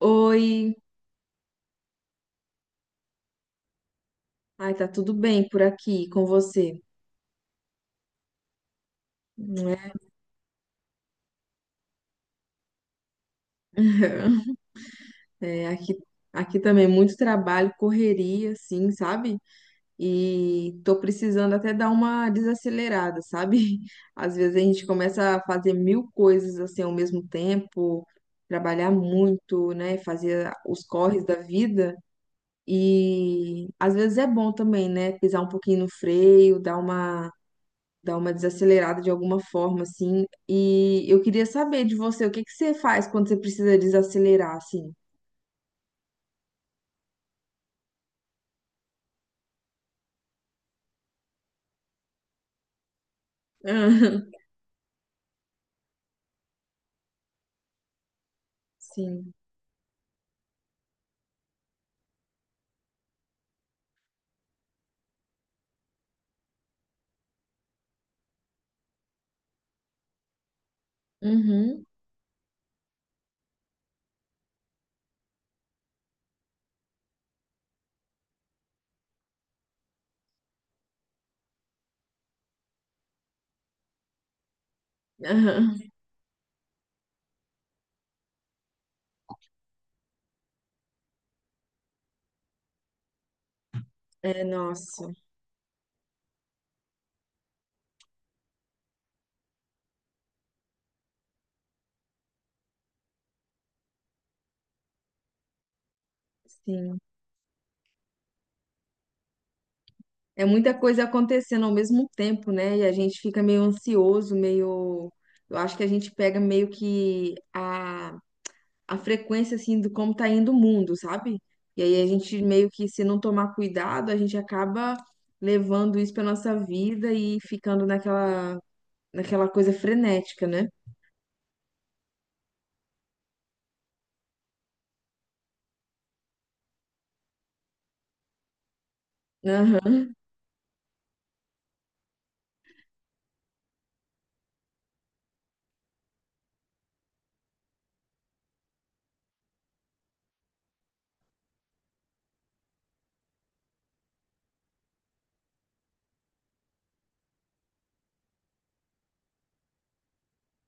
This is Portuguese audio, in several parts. Oi, ai, tá tudo bem por aqui com você, não é? É, aqui, aqui também muito trabalho, correria, assim, sabe? E tô precisando até dar uma desacelerada, sabe? Às vezes a gente começa a fazer mil coisas assim ao mesmo tempo, trabalhar muito, né? Fazer os corres da vida. E às vezes é bom também, né? Pisar um pouquinho no freio, dar uma desacelerada de alguma forma, assim. E eu queria saber de você, o que que você faz quando você precisa desacelerar, assim? Sim. Uhum. Aham. É, nossa. Sim. É muita coisa acontecendo ao mesmo tempo, né? E a gente fica meio ansioso, meio. Eu acho que a gente pega meio que a frequência, assim, do como tá indo o mundo, sabe? E aí a gente meio que, se não tomar cuidado, a gente acaba levando isso pra nossa vida e ficando naquela coisa frenética, né? Aham,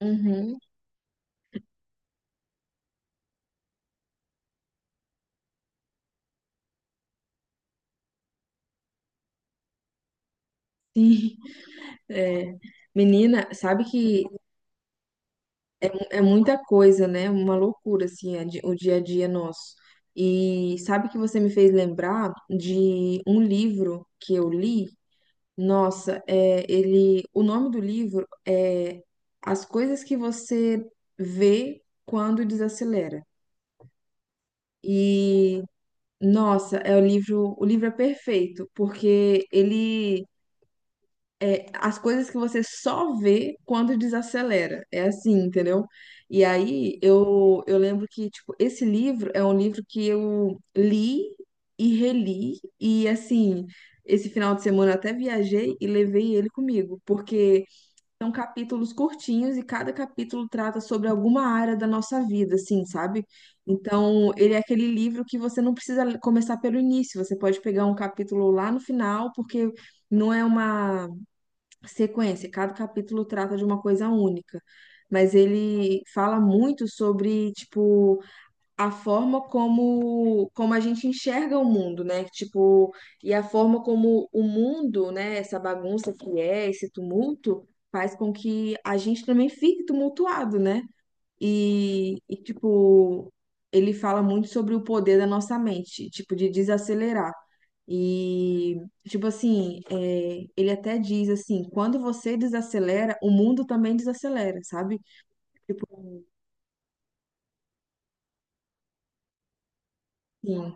uhum, sim. É. Menina, sabe que é muita coisa, né? Uma loucura, assim, o dia a dia nosso. E sabe que você me fez lembrar de um livro que eu li? Nossa, é, ele, o nome do livro é As Coisas que Você Vê Quando Desacelera. E, nossa, é o livro é perfeito, porque ele é, as coisas que você só vê quando desacelera. É assim, entendeu? E aí eu lembro que, tipo, esse livro é um livro que eu li e reli, e assim, esse final de semana eu até viajei e levei ele comigo, porque são capítulos curtinhos e cada capítulo trata sobre alguma área da nossa vida, assim, sabe? Então, ele é aquele livro que você não precisa começar pelo início, você pode pegar um capítulo lá no final, porque não é uma sequência. Cada capítulo trata de uma coisa única, mas ele fala muito sobre, tipo, a forma como a gente enxerga o mundo, né? Tipo, e a forma como o mundo, né, essa bagunça que é, esse tumulto, faz com que a gente também fique tumultuado, né? Tipo, ele fala muito sobre o poder da nossa mente, tipo, de desacelerar. E, tipo assim, é, ele até diz assim, quando você desacelera, o mundo também desacelera, sabe? Tipo, sim,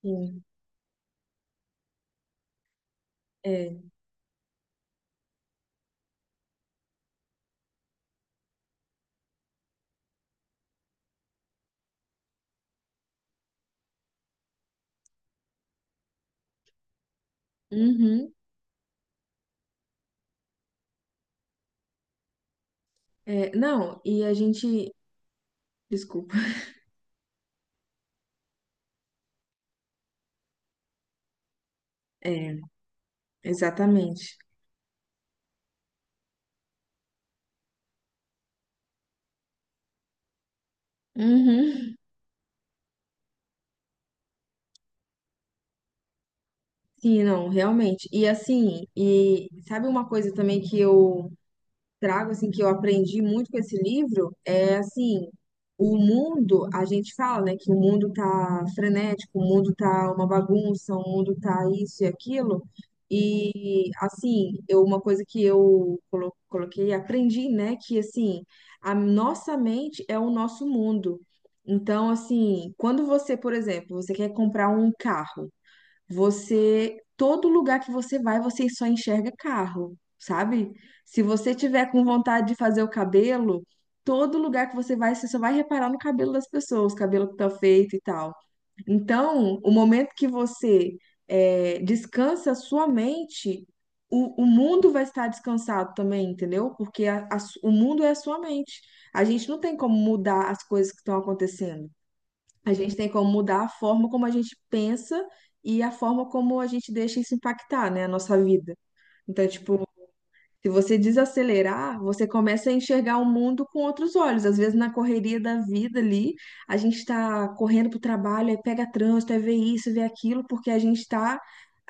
sim, é. Uhum, é, não, e a gente, desculpa, é, exatamente. Uhum. Sim, não, realmente. E assim, e sabe uma coisa também que eu trago assim que eu aprendi muito com esse livro é assim, o mundo, a gente fala, né, que o mundo tá frenético, o mundo tá uma bagunça, o mundo tá isso e aquilo. E assim, eu, uma coisa que coloquei, aprendi, né, que assim, a nossa mente é o nosso mundo. Então, assim, quando você, por exemplo, você quer comprar um carro, você, todo lugar que você vai, você só enxerga carro, sabe? Se você tiver com vontade de fazer o cabelo, todo lugar que você vai, você só vai reparar no cabelo das pessoas, o cabelo que tá feito e tal. Então, o momento que você é, descansa a sua mente, o mundo vai estar descansado também, entendeu? Porque o mundo é a sua mente. A gente não tem como mudar as coisas que estão acontecendo. A gente tem como mudar a forma como a gente pensa e a forma como a gente deixa isso impactar, né, a nossa vida. Então, tipo, se você desacelerar, você começa a enxergar o mundo com outros olhos. Às vezes, na correria da vida ali, a gente está correndo para o trabalho, aí pega trânsito, aí vê isso, vê aquilo, porque a gente está.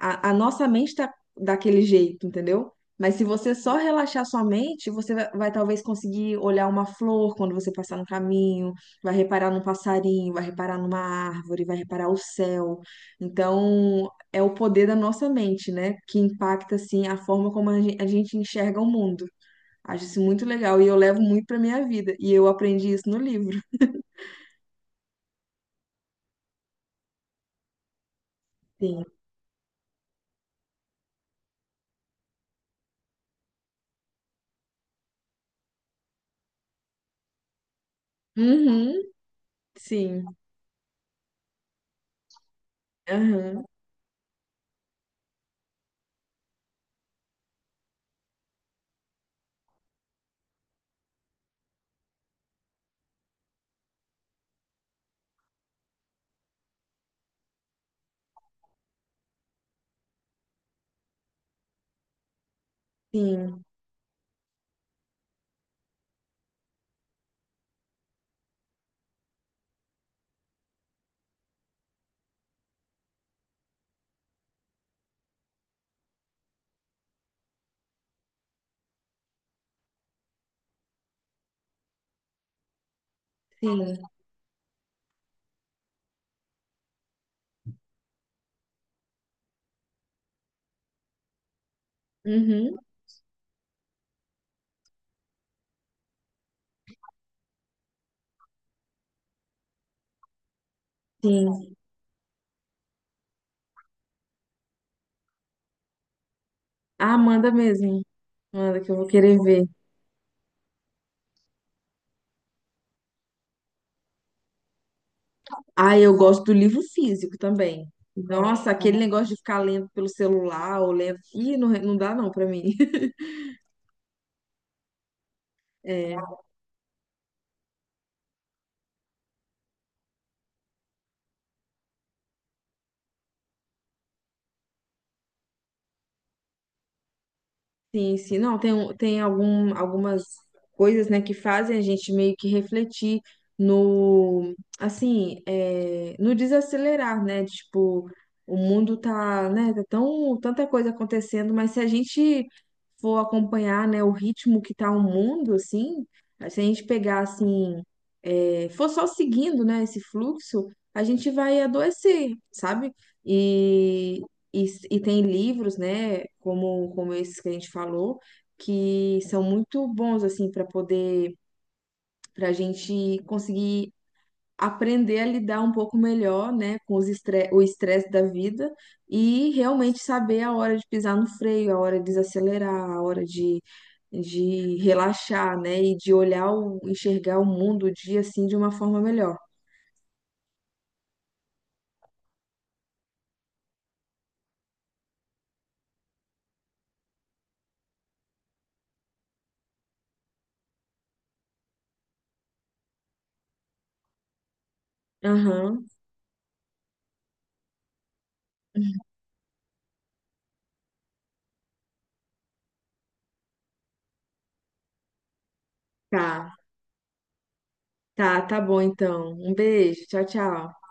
A nossa mente está daquele jeito, entendeu? Mas se você só relaxar sua mente, vai talvez conseguir olhar uma flor quando você passar no caminho, vai reparar num passarinho, vai reparar numa árvore, vai reparar o céu. Então, é o poder da nossa mente, né? Que impacta, assim, a forma como a gente enxerga o mundo. Acho isso muito legal e eu levo muito pra minha vida. E eu aprendi isso no livro. Sim. Uhum. Sim. Aham. Sim. Sim. Uhum. Sim. Ah, manda mesmo. Manda que eu vou querer ver. Ah, eu gosto do livro físico também. Nossa, aquele negócio de ficar lendo pelo celular ou lendo. Ih, não, não dá não pra mim. É. Sim, sim. Não, tem, tem algumas coisas, né, que fazem a gente meio que refletir no, assim, é, no desacelerar, né? Tipo, o mundo tá, né, tá tão, tanta coisa acontecendo, mas se a gente for acompanhar, né, o ritmo que tá o mundo, assim, se a gente pegar, assim, for só seguindo, né, esse fluxo, a gente vai adoecer, sabe? E, e, e tem livros, né, como, como esses que a gente falou, que são muito bons, assim, para poder, para a gente conseguir aprender a lidar um pouco melhor, né, com os estre o estresse da vida e realmente saber a hora de pisar no freio, a hora de desacelerar, a hora de. De relaxar, né, e de olhar o, enxergar o mundo o dia assim de uma forma melhor. Aham, tá. Tá, tá bom então. Um beijo. Tchau, tchau.